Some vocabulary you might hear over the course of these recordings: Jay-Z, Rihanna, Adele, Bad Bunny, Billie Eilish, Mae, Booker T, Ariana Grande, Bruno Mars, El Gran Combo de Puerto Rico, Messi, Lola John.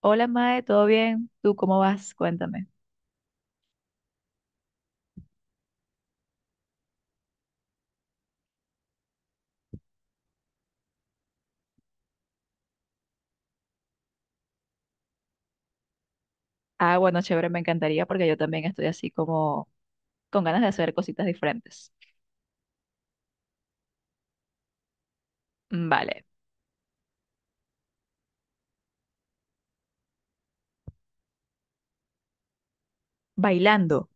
Hola Mae, ¿todo bien? ¿Tú cómo vas? Cuéntame. Bueno, chévere, me encantaría porque yo también estoy así como con ganas de hacer cositas diferentes. Vale, bailando.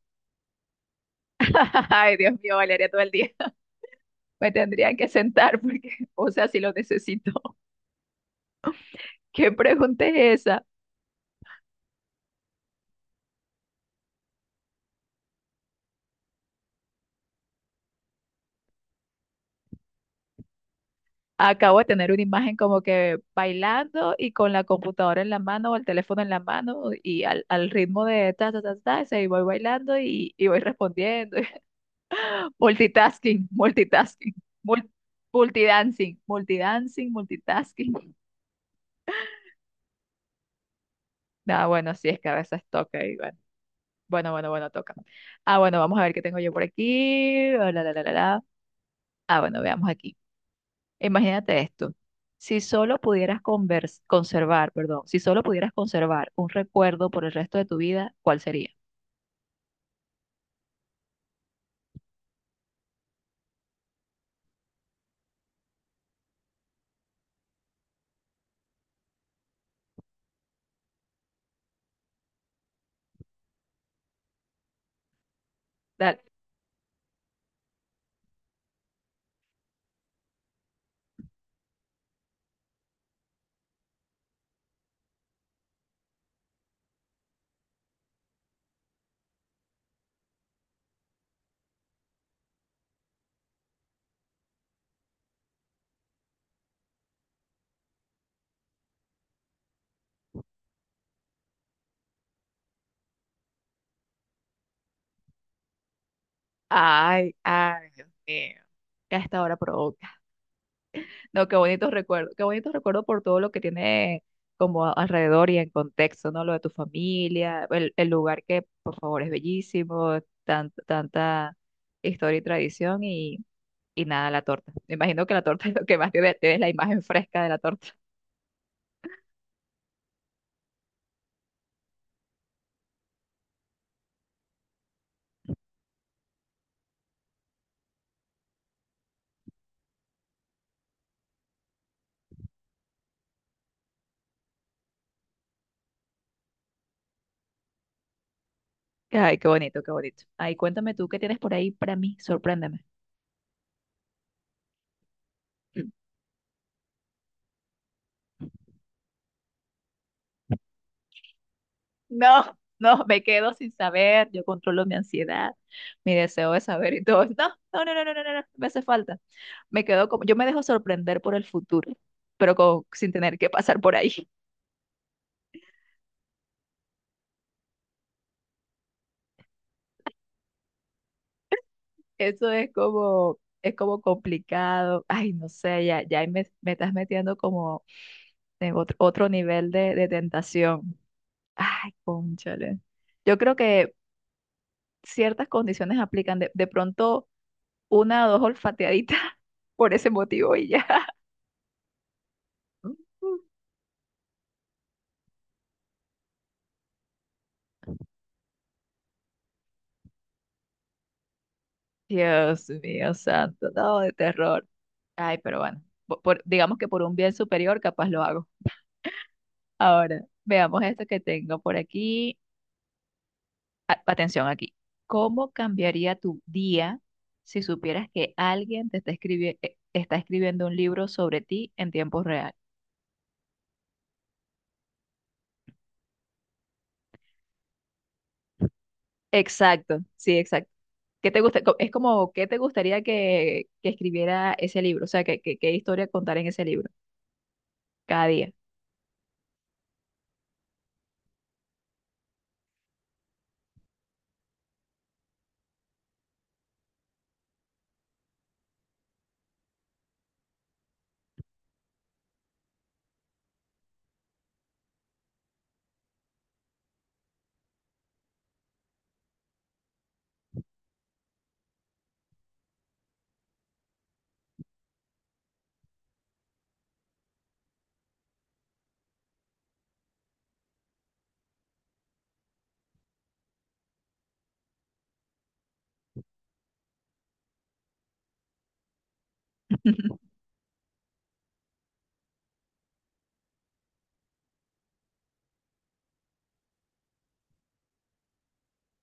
Ay, Dios mío, bailaría todo el día. Me tendrían que sentar porque, o sea, si lo necesito. ¿Qué pregunta es esa? Acabo de tener una imagen como que bailando y con la computadora en la mano o el teléfono en la mano y al ritmo de ta, ta, ta, ta, se voy bailando y voy respondiendo. Multitasking, multitasking, mul- multidancing, multidancing, multitasking. Bueno, sí, es que a veces toca y bueno, toca. Bueno, vamos a ver qué tengo yo por aquí. La, la, la, la, la. Bueno, veamos aquí. Imagínate esto. Si solo pudieras convers- Conservar, perdón, si solo pudieras conservar un recuerdo por el resto de tu vida, ¿cuál sería? Dale. Ay, ay, Dios mío, que hasta ahora provoca. No, qué bonitos recuerdos por todo lo que tiene como alrededor y en contexto, ¿no? Lo de tu familia, el lugar que, por favor, es bellísimo, tanta historia y tradición y nada, la torta. Me imagino que la torta es lo que más te es la imagen fresca de la torta. Ay, qué bonito, qué bonito. Ay, cuéntame tú, ¿qué tienes por ahí para mí? Sorpréndeme. No, no, me quedo sin saber, yo controlo mi ansiedad, mi deseo de saber y todo. No, no, no, no, no, no, no, me hace falta. Me quedo como, yo me dejo sorprender por el futuro, pero sin tener que pasar por ahí. Eso es como complicado. Ay, no sé, ya ahí me estás metiendo como en otro nivel de tentación. Ay, cónchale. Yo creo que ciertas condiciones aplican. De pronto, una o dos olfateaditas por ese motivo y ya. Dios mío, santo, no, de terror. Ay, pero bueno, digamos que por un bien superior capaz lo hago. Ahora, veamos esto que tengo por aquí. Atención aquí. ¿Cómo cambiaría tu día si supieras que alguien te está escribiendo un libro sobre ti en tiempo real? Exacto, sí, exacto. ¿Qué te gusta? Es como, ¿qué te gustaría que escribiera ese libro? O sea, ¿ qué historia contar en ese libro? Cada día.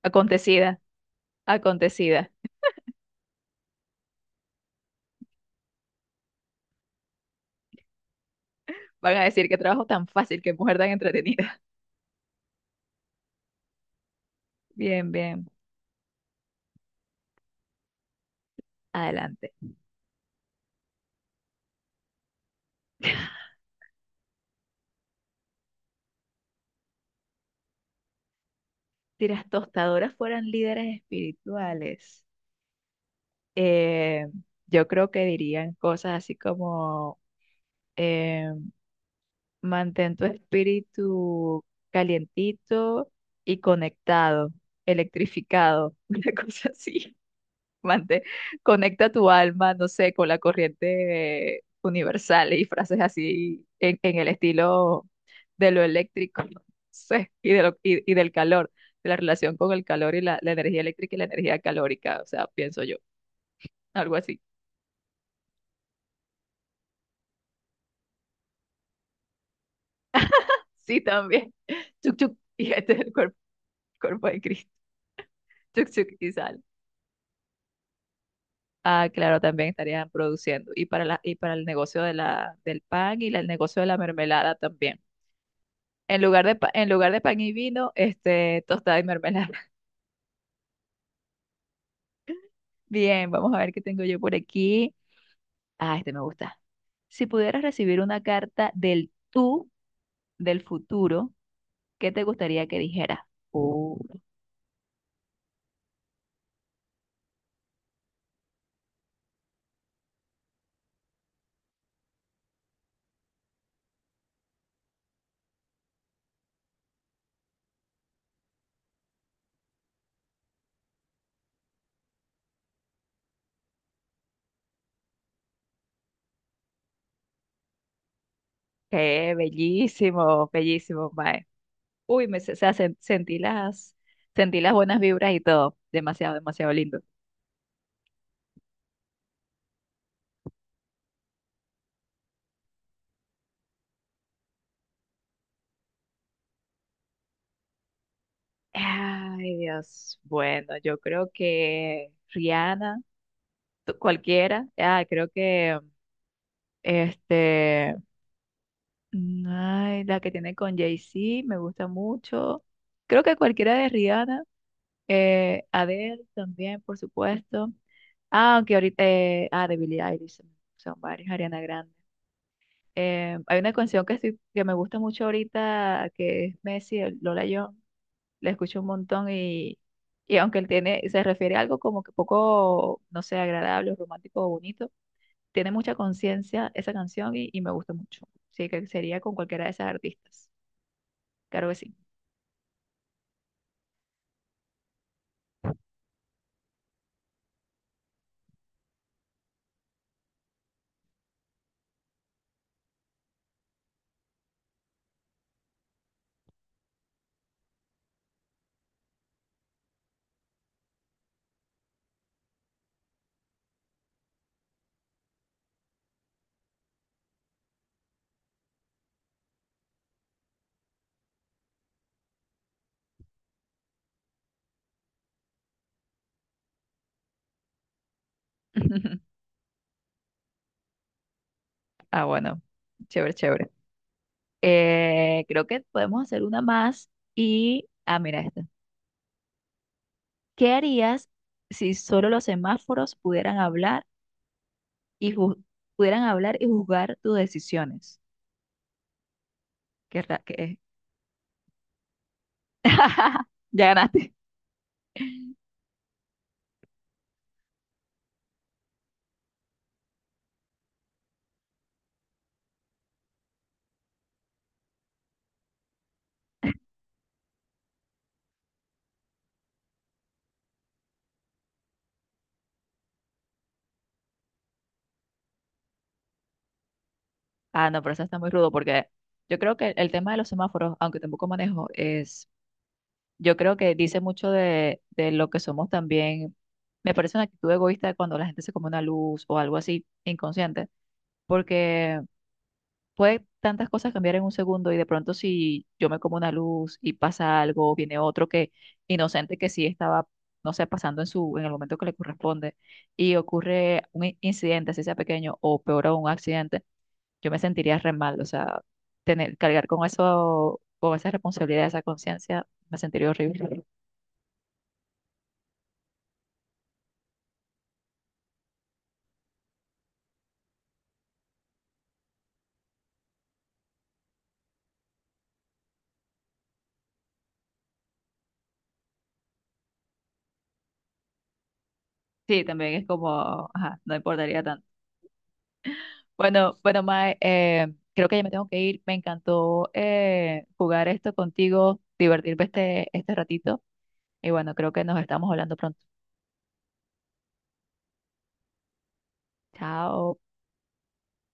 Acontecida, acontecida. Van a decir qué trabajo tan fácil, qué mujer tan entretenida. Bien, bien. Adelante. Si las tostadoras fueran líderes espirituales. eh, yo creo que dirían cosas así como eh, mantén tu espíritu calientito y conectado, electrificado, una cosa así. Mantén- Conecta tu alma, no sé, con la corriente universal y frases así en el estilo de lo eléctrico, no sé, de lo, y del calor, de la relación con el calor y la energía eléctrica y la energía calórica, o sea, pienso yo, algo así. Sí, también. Chuk, chuk. Y este es el cuerpo, cuerpo de Cristo. Chuk, chuk y sal. Ah, claro, también estarían produciendo. Y para y para el negocio de del pan y el negocio de la mermelada también. En lugar de, en lugar de pan y vino, este, tostada y mermelada. Bien, vamos a ver qué tengo yo por aquí. Ah, este me gusta. Si pudieras recibir una carta del tú del futuro, ¿qué te gustaría que dijera? Uh, qué bellísimo, bellísimo, Mae. Uy, o sea, sentí sentí las buenas vibras y todo. Demasiado, demasiado lindo. Ay, Dios. Bueno, yo creo que Rihanna, cualquiera. Ah, creo que este, ay, la que tiene con Jay-Z, me gusta mucho. Creo que cualquiera de Rihanna, Adele también, por supuesto. Ah, aunque ahorita, de Billie Eilish, son varios, Ariana Grande. Hay una canción que, que me gusta mucho ahorita, que es Messi, el Lola John, la escucho un montón y aunque él tiene, se refiere a algo como que poco, no sé, agradable, romántico o bonito, tiene mucha conciencia esa canción y me gusta mucho. Sí, que sería con cualquiera de esas artistas. Claro que sí. Ah, bueno, chévere, chévere. Creo que podemos hacer una más y, ah, mira esta. ¿Qué harías si solo los semáforos pudieran hablar? y ju- Pudieran hablar y juzgar tus decisiones. Qué ra- que- ya ganaste. Ah, no, pero eso está muy rudo porque yo creo que el tema de los semáforos, aunque tampoco manejo, es, yo creo que dice mucho de lo que somos también. Me parece una actitud egoísta cuando la gente se come una luz o algo así inconsciente, porque puede tantas cosas cambiar en un segundo y de pronto si yo me como una luz y pasa algo, viene otro que inocente que sí estaba, no sé, pasando en su, en el momento que le corresponde y ocurre un incidente, así sea pequeño o peor aún un accidente, yo me sentiría re mal, o sea, tener, cargar con eso, con esa responsabilidad, esa conciencia, me sentiría horrible. Sí, también es como, ajá, no importaría tanto. Bueno, bueno, Mae, creo que ya me tengo que ir. Me encantó jugar esto contigo, divertirme este, este ratito. Y bueno, creo que nos estamos hablando pronto. Chao.